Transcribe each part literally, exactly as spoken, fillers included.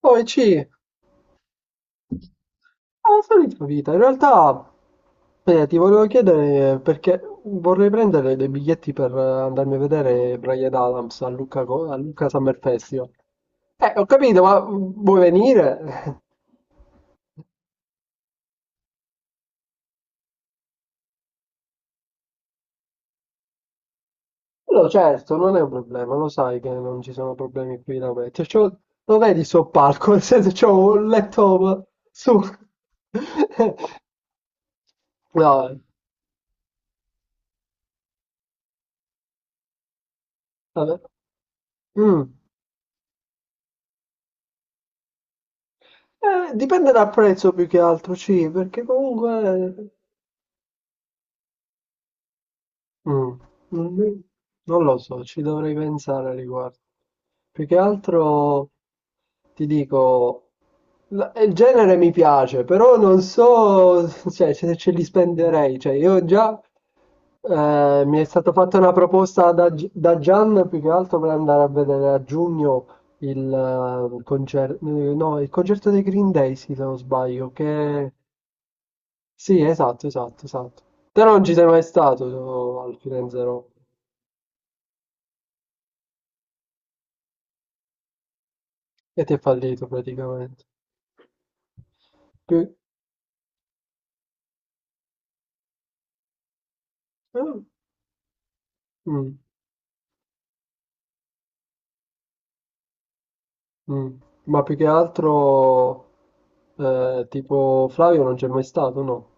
Poi C, la solita vita. In realtà, eh, ti volevo chiedere perché vorrei prendere dei biglietti per eh, andarmi a vedere Brian Adams a Lucca, Co- a Lucca Summer Festival. Eh, ho capito, ma vuoi venire? No, certo, non è un problema, lo sai che non ci sono problemi qui da me. Cioè, c'ho- lo vedi sto palco, nel senso c'ho un letto su. No, vabbè. Mm. Eh, dipende dal prezzo più che altro, sì, perché comunque mh, non mi- non lo so, ci dovrei pensare a riguardo. Più che altro ti dico, la- il genere mi piace, però non so, cioè, se ce li spenderei. Cioè, io già eh, mi è stata fatta una proposta da, Gi- da Gian più che altro per andare a vedere a giugno il concerto, no, il concerto dei Green Day, sì, se non sbaglio, che sì, esatto, esatto, esatto. Te non ci sei mai stato so, al Firenze Rock. Ed è fallito praticamente. Più- eh, mm, mm. Ma più che altro, eh, tipo Flavio non c'è mai stato, no?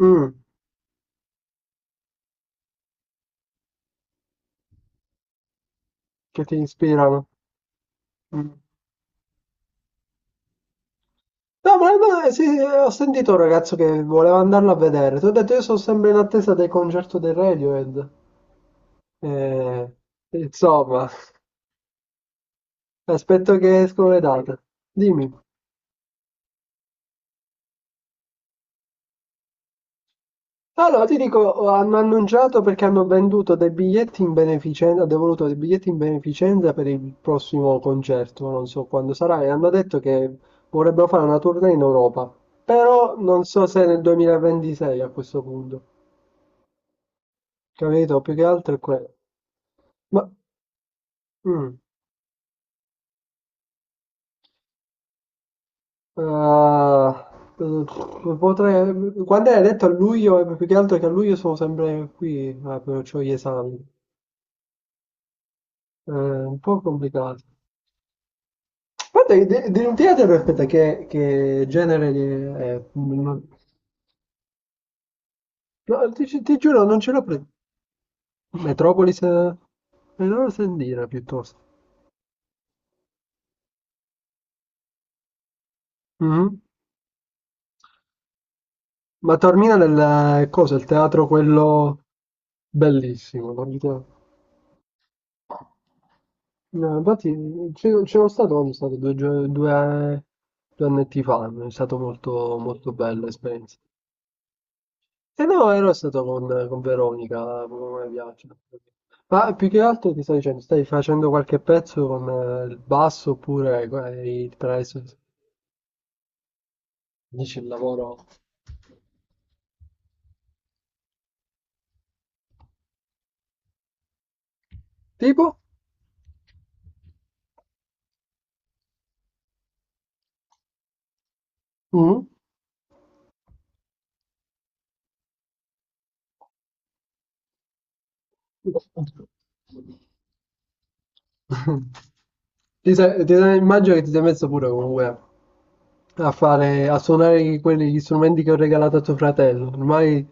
Mm, che ti ispirano. Mm. No, ma no, eh, sì, sì, ho sentito un ragazzo che voleva andarlo a vedere. Ti ho detto, io sono sempre in attesa del concerto del Radiohead. Eh, insomma, aspetto che escono le date. Dimmi. Allora, ti dico, oh, hanno annunciato perché hanno venduto dei biglietti in beneficenza, hanno devoluto dei biglietti in beneficenza per il prossimo concerto, non so quando sarà, e hanno detto che vorrebbero fare una tournée in Europa, però non so se nel duemilaventisei a questo punto, capito? Più che altro è quello. Ma, mm, ah, eh, potrei, quando hai detto a luglio, eh, più che altro che a luglio sono sempre qui, eh, però ho gli esami, è un po' complicato. Guarda, che de- Dream Theater, aspetta, che, che genere è? È- non- no, ti, gi- ti giuro, non ce l'ho pre... Metropolis? Eh? Me lo sentire piuttosto. Mhm. Ma Taormina nel, cosa, il teatro quello bellissimo, guarda. No, infatti c'ero c'ero stato quando è stato due, gio- due, due annetti fa, è stato molto, molto bella esperienza. Eh no, ero stato con, con Veronica, proprio come piace. Ma più che altro ti sto dicendo, stai facendo qualche pezzo con eh, il basso oppure hai- per adesso dici il lavoro? Tipo? Mm? Ti sei- ti sei- immagino che ti sei messo pure comunque a fare, a suonare quelli, gli strumenti che ho regalato a tuo fratello. Ormai...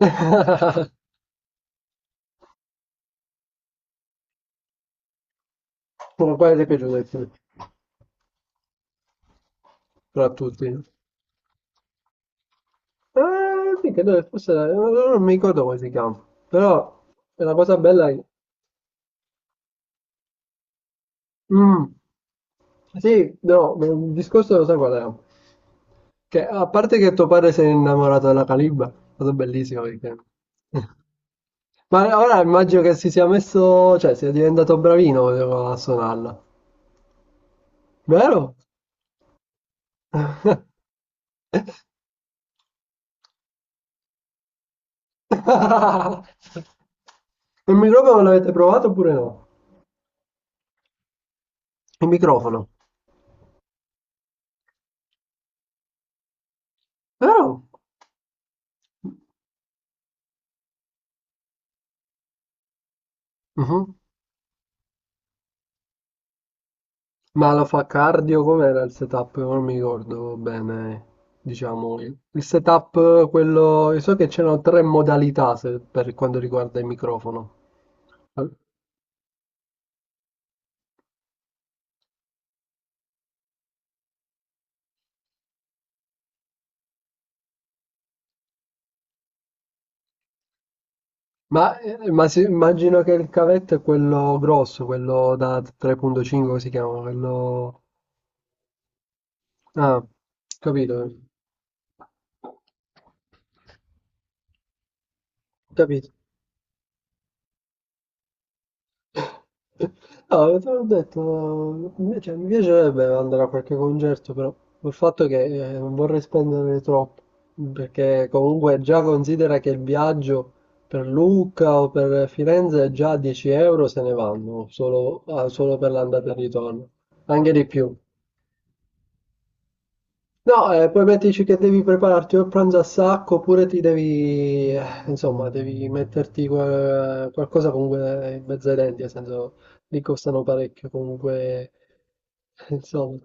Quale ti è piaciuto di più? Tra tutti. Eh, sì, credo che fosse, non non mi ricordo come si chiama, però è una cosa bella. che- Mm, sì, no, il discorso lo so qual era. Che, a parte che tuo padre si è innamorato della Calibba, è stato bellissimo perché... Ma ora immagino che si sia messo, cioè sia diventato bravino a suonarla, vero? Il microfono l'avete provato oppure no? Il microfono, vero? Mhm. Ma lo fa cardio? Com'era il setup? Non mi ricordo bene, diciamo, il il setup, quello... Io so che c'erano tre modalità se- per quanto riguarda il microfono. Al- Ma, eh, ma si- immagino che il cavetto è quello grosso, quello da tre virgola cinque si chiama, quello... Ah, capito, capito. No, te l'ho detto, mi cioè, mi piacerebbe andare a qualche concerto, però il fatto è che eh, non vorrei spendere troppo, perché comunque già considera che il viaggio per Lucca o per Firenze già dieci euro se ne vanno, solo, ah, solo per l'andata e il ritorno, anche di più. No, eh, poi mettici che devi prepararti o il pranzo a sacco oppure ti devi, eh, insomma, devi metterti que- qualcosa comunque in mezzo ai denti, nel senso, li costano parecchio comunque, insomma.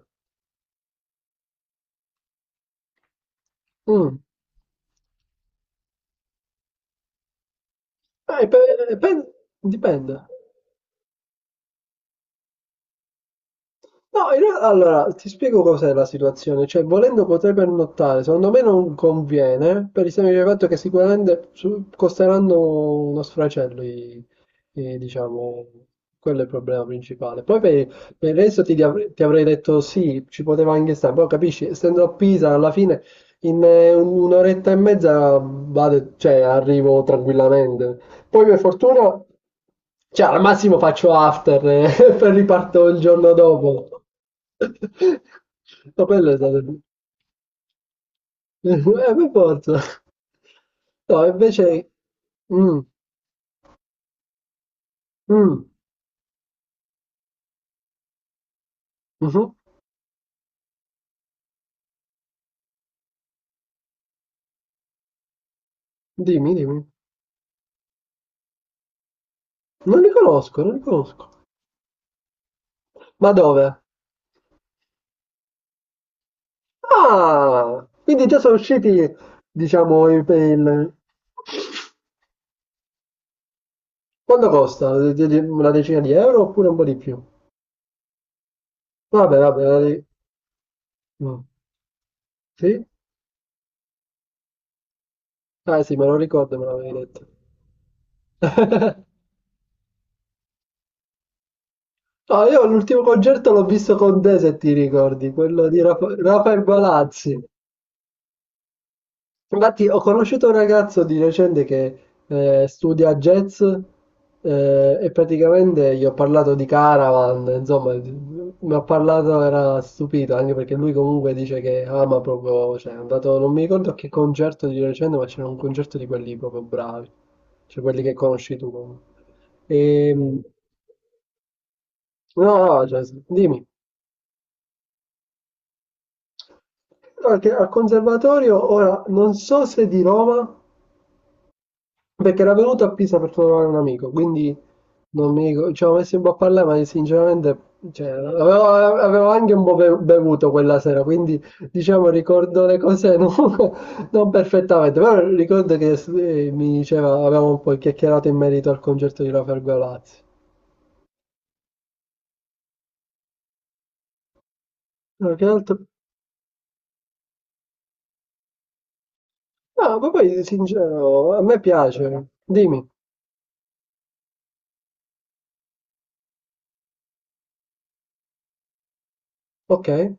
Mm. Eh, pe- pe- dipende. No, in real- allora ti spiego cos'è la situazione, cioè volendo potrei pernottare, secondo me non conviene per il semplice fatto che sicuramente su- costeranno uno sfracello, i- i- diciamo, quello è il problema principale. Poi per, per il resto ti, di- ti avrei detto sì, ci poteva anche stare, però capisci, essendo a Pisa alla fine in eh, un- un'oretta e mezza vado, cioè, arrivo tranquillamente, poi per fortuna, cioè al massimo faccio after eh, e poi riparto il giorno dopo. Ma quello è stato il- eh, per forza. No, invece... Mm, mm, mhm. Dimmi, dimmi. Non li conosco, non li conosco. Ma dove? Ah, quindi già sono usciti, diciamo, i- per il... Quanto costa? Una decina di euro oppure un po' di più? Vabbè, vabbè, vabbè. Mm. Sì? Ah sì, me lo ricordo, me l'avevi detto. No, io l'ultimo concerto l'ho visto con te, se ti ricordi, quello di Rafa- Rafael Balazzi. Infatti, ho conosciuto un ragazzo di recente che eh, studia jazz, eh, e praticamente gli ho parlato di Caravan, insomma, di- mi ha parlato, era stupito, anche perché lui comunque dice che ama proprio, cioè è andato, non mi ricordo a che concerto di recente, ma c'era un concerto di quelli proprio bravi, cioè quelli che conosci tu comunque. E, no, no, cioè, s- dimmi. Perché al conservatorio, ora, non so se di Roma, perché era venuto a Pisa per trovare un amico, quindi non mi ricordo, ci avevo messo un po' a parlare, ma sinceramente, cioè, avevo, avevo anche un po' be- bevuto quella sera, quindi, diciamo, ricordo le cose non, non perfettamente, però ricordo che eh, mi diceva, avevamo un po' chiacchierato in merito al concerto di Rafael Galazzi. No, che altro? No, ma poi, sincero, a me piace, dimmi, ok.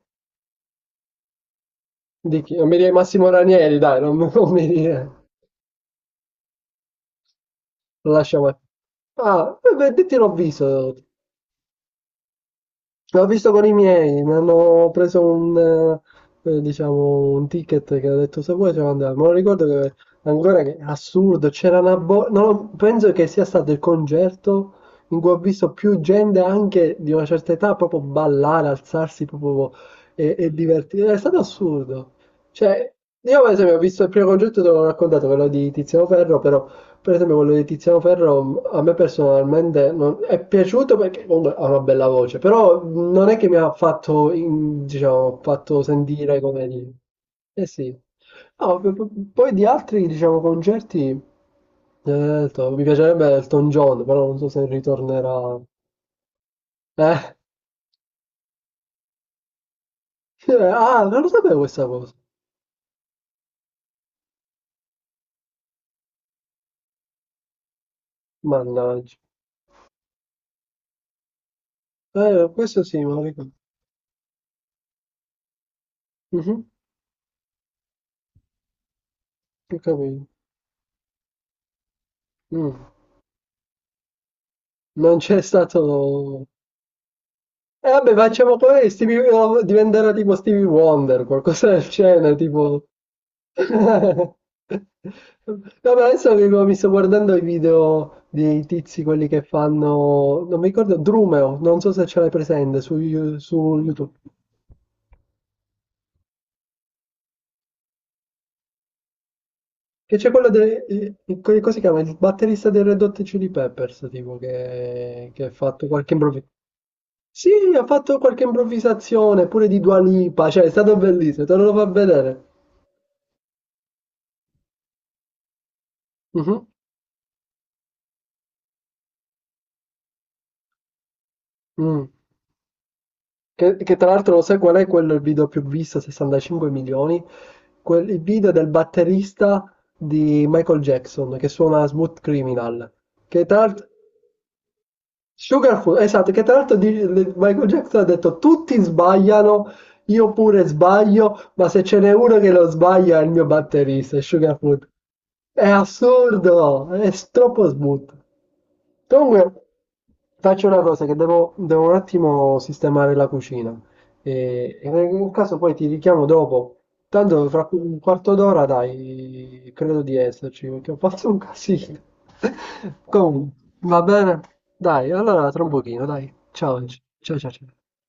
Di chi? Non mi dire Massimo Ranieri, dai, non, non mi dire. Lo lasciamo. Ah, eh beh, ti l'ho visto. L'ho visto con i miei, mi hanno preso un, eh, eh, diciamo, un ticket che ha detto se vuoi ce lo andiamo. Ma lo ricordo che ancora che assurdo, c'era una bo- non lo- penso che sia stato il concerto in cui ho visto più gente anche di una certa età proprio ballare, alzarsi proprio e, e divertirsi. È stato assurdo. Cioè, io per esempio ho visto il primo concerto, te l'ho raccontato, quello di Tiziano Ferro, però per esempio quello di Tiziano Ferro a me personalmente non- è piaciuto perché comunque ha una bella voce, però non è che mi ha fatto, in- diciamo, fatto sentire come dire. Eh sì. No, p- p- poi di altri, diciamo, concerti, eh, to- mi piacerebbe Elton John, però non so se ritornerà. Eh? Ah, non lo sapevo questa cosa. Mannaggia. Eh, questo sì, me lo ricordo. Mhm, ho capito. Mm. Non c'è stato. E vabbè, facciamo come Stevie- no, diventerà tipo Stevie Wonder, qualcosa del genere, tipo... No, ma adesso che mi sto guardando i video dei tizi, quelli che fanno... Non mi ricordo, Drumeo, non so se ce l'hai presente su, You- su YouTube. Che c'è quello del... Cosa si chiama? Il batterista del Red Hot Chili Peppers, tipo, che, che ha fatto qualche improvvisazione. Sì, ha fatto qualche improvvisazione, pure di Dua Lipa, cioè è stato bellissimo, te lo fa vedere. Mhm. Mm. Che, che tra l'altro lo sai qual è quel video più visto, sessantacinque milioni? Quel, il video del batterista di Michael Jackson che suona Smooth Criminal. Che tra l'altro... Sugarfoot, esatto, che tra l'altro di- le- Michael Jackson ha detto tutti sbagliano, io pure sbaglio, ma se ce n'è uno che lo sbaglia è il mio batterista, è Sugarfoot. È assurdo, è s- troppo smooth. Comunque, faccio una cosa che devo, devo, un attimo sistemare la cucina. E, e nel caso poi ti richiamo dopo. Tanto fra un quarto d'ora, dai, credo di esserci, perché ho fatto un casino. Comunque, va bene? Dai, allora tra un pochino, dai. Ciao, ciao, ciao, ciao.